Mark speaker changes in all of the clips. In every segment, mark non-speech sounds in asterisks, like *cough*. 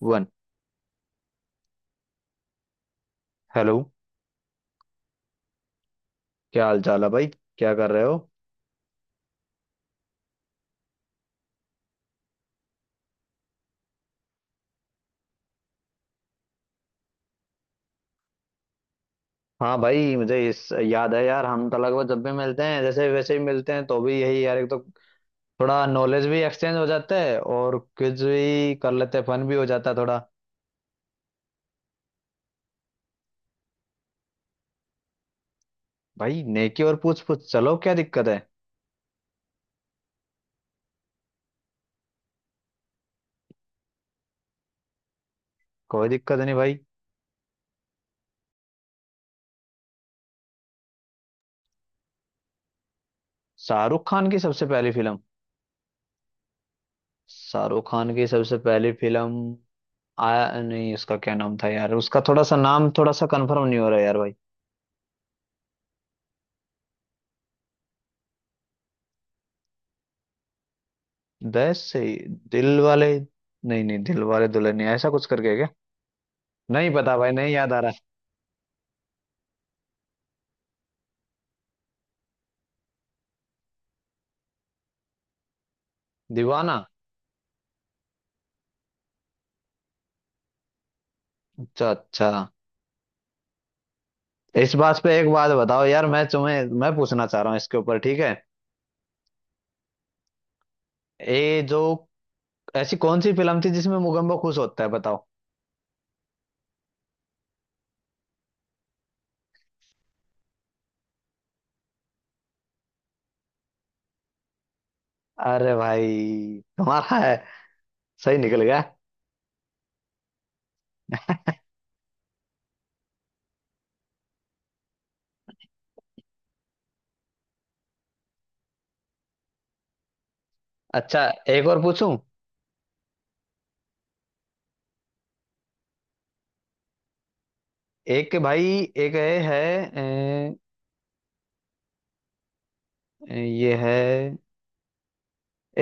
Speaker 1: One. Hello. क्या हाल चाल है भाई? क्या कर रहे हो? हाँ भाई, मुझे इस याद है यार। हम तो लगभग जब भी मिलते हैं जैसे वैसे ही मिलते हैं, तो भी यही यार, एक तो थोड़ा नॉलेज भी एक्सचेंज हो जाता है और क्विज भी कर लेते हैं, फन भी हो जाता है थोड़ा। भाई नेकी और पूछ पूछ, चलो क्या दिक्कत है। कोई दिक्कत नहीं भाई। शाहरुख खान की सबसे पहली फिल्म। शाहरुख खान की सबसे पहली फिल्म आया नहीं। उसका क्या नाम था यार? उसका थोड़ा सा नाम, थोड़ा सा कंफर्म नहीं हो रहा यार भाई। दिल वाले, नहीं नहीं, दिल वाले दुल्हनिया ऐसा कुछ करके है क्या? नहीं पता भाई, नहीं याद आ रहा। दीवाना। अच्छा अच्छा। इस बात पे एक बात बताओ यार, मैं तुम्हें, मैं पूछना चाह रहा हूँ इसके ऊपर, ठीक है? ये जो ऐसी कौन सी फिल्म थी जिसमें मुगम्बो खुश होता है, बताओ। अरे भाई तुम्हारा है, सही निकल गया। अच्छा, एक और पूछूं। एक भाई, एक है, अ, ये है,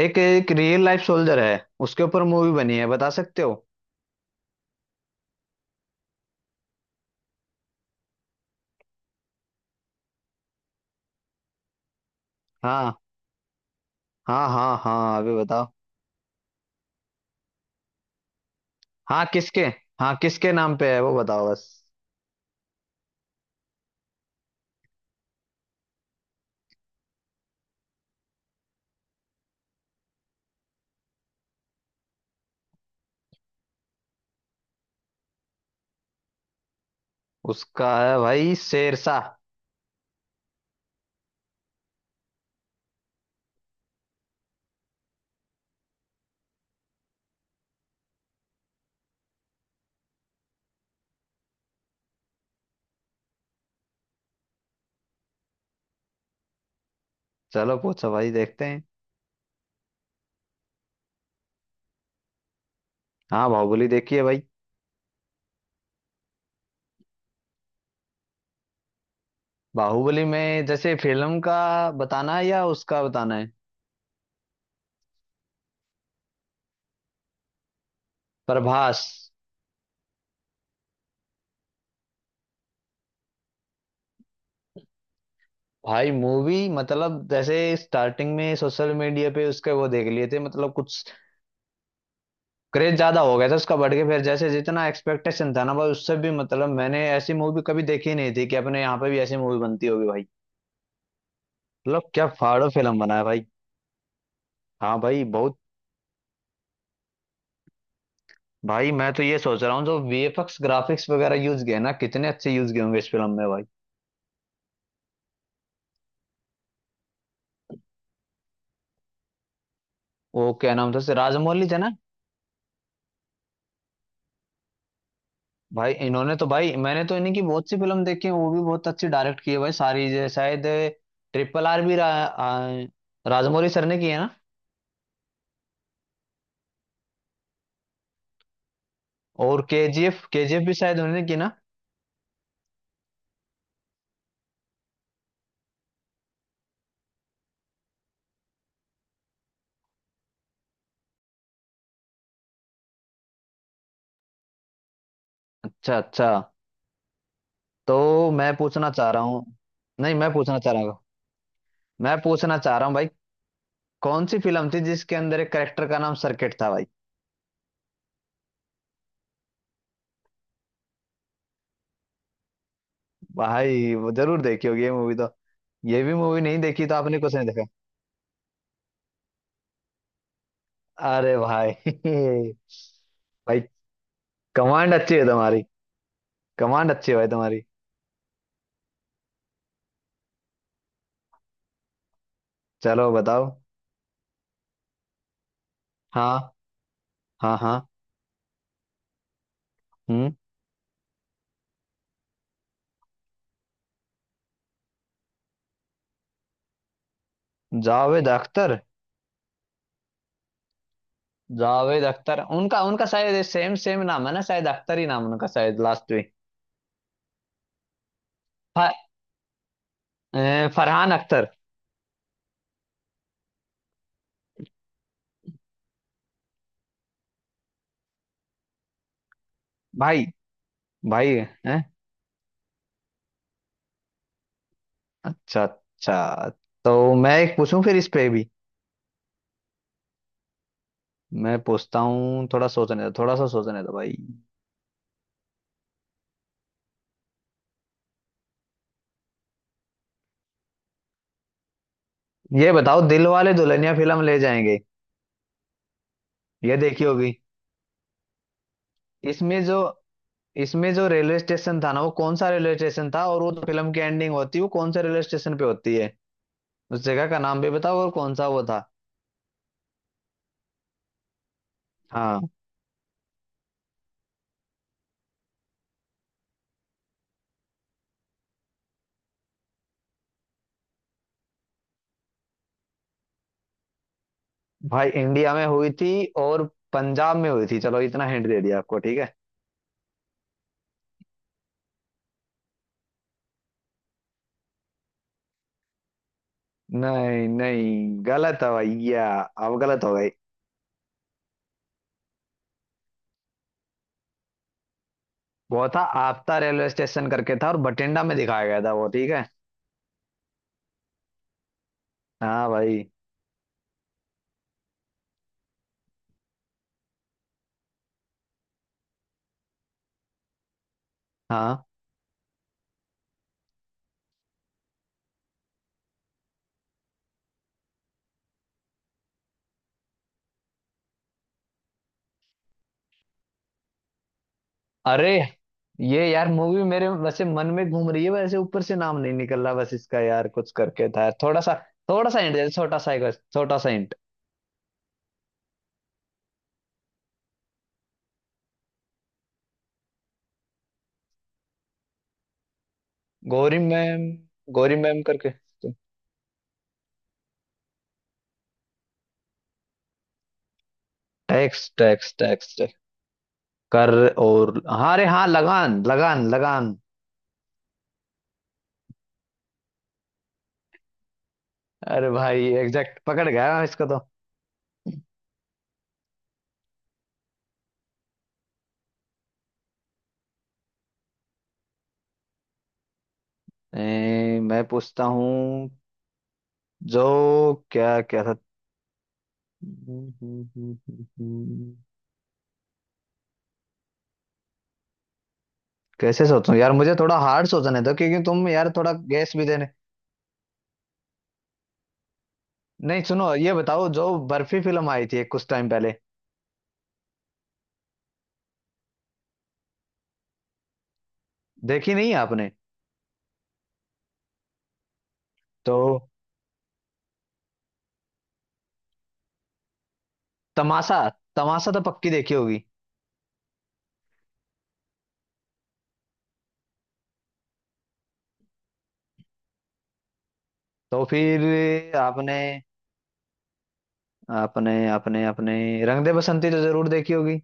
Speaker 1: एक एक रियल लाइफ सोल्जर है, उसके ऊपर मूवी बनी है, बता सकते हो? हाँ हाँ हाँ, हाँ अभी बताओ। हाँ किसके, हाँ किसके नाम पे है वो, बताओ बस। उसका है भाई, शेरशाह। चलो पूछो भाई, देखते हैं। हाँ बाहुबली देखी है भाई। बाहुबली में जैसे फिल्म का बताना है या उसका बताना है? प्रभास। भाई मूवी मतलब जैसे, स्टार्टिंग में सोशल मीडिया पे उसके वो देख लिए थे, मतलब कुछ क्रेज ज्यादा हो गया था उसका, बढ़ के फिर जैसे जितना एक्सपेक्टेशन था ना भाई उससे भी, मतलब मैंने ऐसी मूवी कभी देखी नहीं थी कि अपने यहाँ पे भी ऐसी मूवी बनती होगी भाई। मतलब क्या फाड़ो फिल्म बनाया भाई। हाँ भाई बहुत। भाई मैं तो ये सोच रहा हूँ जो वीएफएक्स ग्राफिक्स वगैरह यूज किए ना, कितने अच्छे यूज किए होंगे इस फिल्म में भाई। वो क्या नाम था, से राजमौली थे ना? भाई इन्होंने तो, भाई मैंने तो इन्हीं की बहुत सी फिल्म देखी है, वो भी बहुत अच्छी डायरेक्ट की है भाई सारी। शायद ट्रिपल आर भी राजमौली सर ने की है ना? और केजीएफ, केजीएफ भी शायद उन्होंने की ना। अच्छा अच्छा। तो मैं पूछना चाह रहा हूँ। नहीं, मैं पूछना चाह रहा हूँ। मैं पूछना चाह रहा हूँ भाई, कौन सी फिल्म थी जिसके अंदर एक करेक्टर का नाम सर्किट था भाई? भाई वो जरूर देखी होगी ये मूवी तो। ये भी मूवी नहीं देखी तो आपने कुछ नहीं देखा। अरे भाई *laughs* भाई कमांड अच्छी है तुम्हारी, कमांड अच्छी है भाई तुम्हारी। चलो बताओ। हाँ हाँ हाँ। हम्म। जावेद अख्तर। जावेद अख्तर उनका, उनका शायद सेम सेम नाम है ना, शायद अख्तर ही नाम है उनका शायद लास्ट में। फ- फरहान अख्तर। भाई, भाई, हैं। अच्छा अच्छा। तो मैं एक पूछूं फिर इस पे भी। मैं पूछता हूँ, थोड़ा सोचने दो, थोड़ा सा सोचने दो भाई। ये बताओ दिल वाले दुल्हनिया फिल्म ले जाएंगे, ये देखी होगी। इसमें जो, इसमें जो रेलवे स्टेशन था ना, वो कौन सा रेलवे स्टेशन था? और वो जो फिल्म की एंडिंग होती है वो कौन से रेलवे स्टेशन पे होती है? उस जगह का नाम भी बताओ और कौन सा वो था। हाँ भाई इंडिया में हुई थी, और पंजाब में हुई थी। चलो इतना हिंट दे दिया आपको, ठीक है? नहीं नहीं, गलत है भैया, अब गलत हो गई। वो था आपता रेलवे स्टेशन करके, था और बठिंडा में दिखाया गया था वो, ठीक है? हाँ भाई। हाँ अरे, ये यार मूवी मेरे वैसे मन में घूम रही है, वैसे ऊपर से नाम नहीं निकल रहा बस इसका, यार कुछ करके था यार थोड़ा सा। थोड़ा सा हिंट दे, छोटा सा एक बस, छोटा सा hint. Gauri ma'am, Gauri ma'am करके। टैक्स टैक्स टैक्स टैक्स कर, और हाँ अरे हाँ, लगान लगान लगान। अरे भाई एग्जैक्ट पकड़ गया मैं इसको तो। मैं पूछता हूँ जो, क्या क्या था? कैसे सोचूं यार, मुझे थोड़ा हार्ड सोचने दो, क्योंकि तुम यार थोड़ा गैस भी देने नहीं। सुनो ये बताओ, जो बर्फी फिल्म आई थी कुछ टाइम पहले, देखी नहीं है आपने? तो तमाशा, तमाशा तो पक्की देखी होगी। तो फिर आपने, आपने अपने, रंग दे बसंती तो जरूर देखी होगी।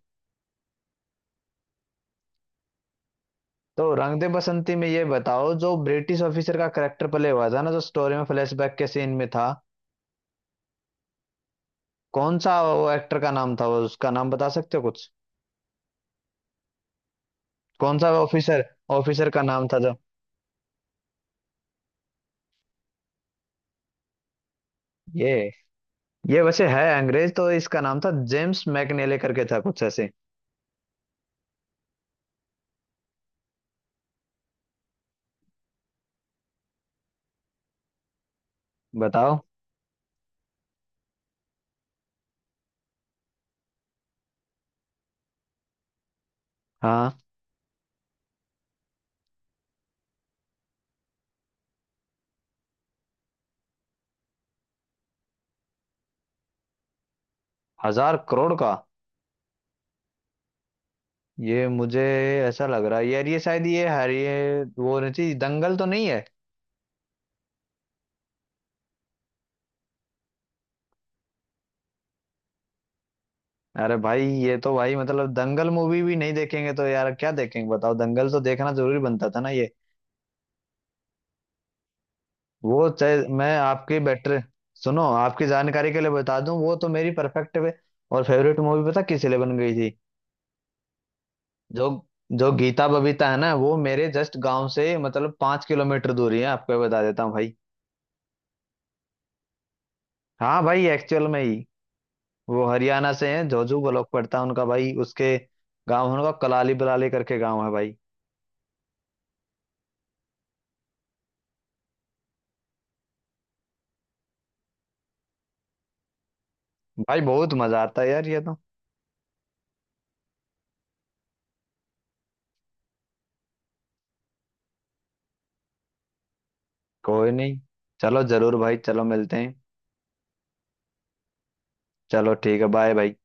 Speaker 1: तो रंग दे बसंती में ये बताओ, जो ब्रिटिश ऑफिसर का करेक्टर प्ले हुआ था ना, जो स्टोरी में फ्लैशबैक के सीन में था, कौन सा वो एक्टर का नाम था वो, उसका नाम बता सकते हो कुछ? कौन सा ऑफिसर, ऑफिसर का नाम था जो ये ये वैसे है अंग्रेज, तो इसका नाम था जेम्स मैकनेले करके था कुछ ऐसे। बताओ। हाँ 1000 करोड़ का, ये मुझे ऐसा लग रहा है यार, ये शायद ये हर ये वो होनी चाहिए, दंगल तो नहीं है? अरे भाई ये तो भाई, मतलब दंगल मूवी भी नहीं देखेंगे तो यार क्या देखेंगे, बताओ। दंगल तो देखना जरूरी बनता था ना ये। वो चाहे, मैं आपकी बेटर, सुनो आपकी जानकारी के लिए बता दूं, वो तो मेरी परफेक्ट और फेवरेट मूवी पता किस लिए बन गई थी? जो, जो गीता बबीता है ना, वो मेरे जस्ट गांव से मतलब 5 किलोमीटर दूरी है, आपको ये बता देता हूँ भाई। हाँ भाई एक्चुअल में ही, वो हरियाणा से हैं, जोजू ब्लॉक पड़ता है उनका भाई, उसके गांव है उनका कलाली बलाली करके गांव है भाई। भाई बहुत मजा आता है यार ये तो। कोई नहीं, चलो जरूर भाई, चलो मिलते हैं। चलो ठीक है, बाय भाई।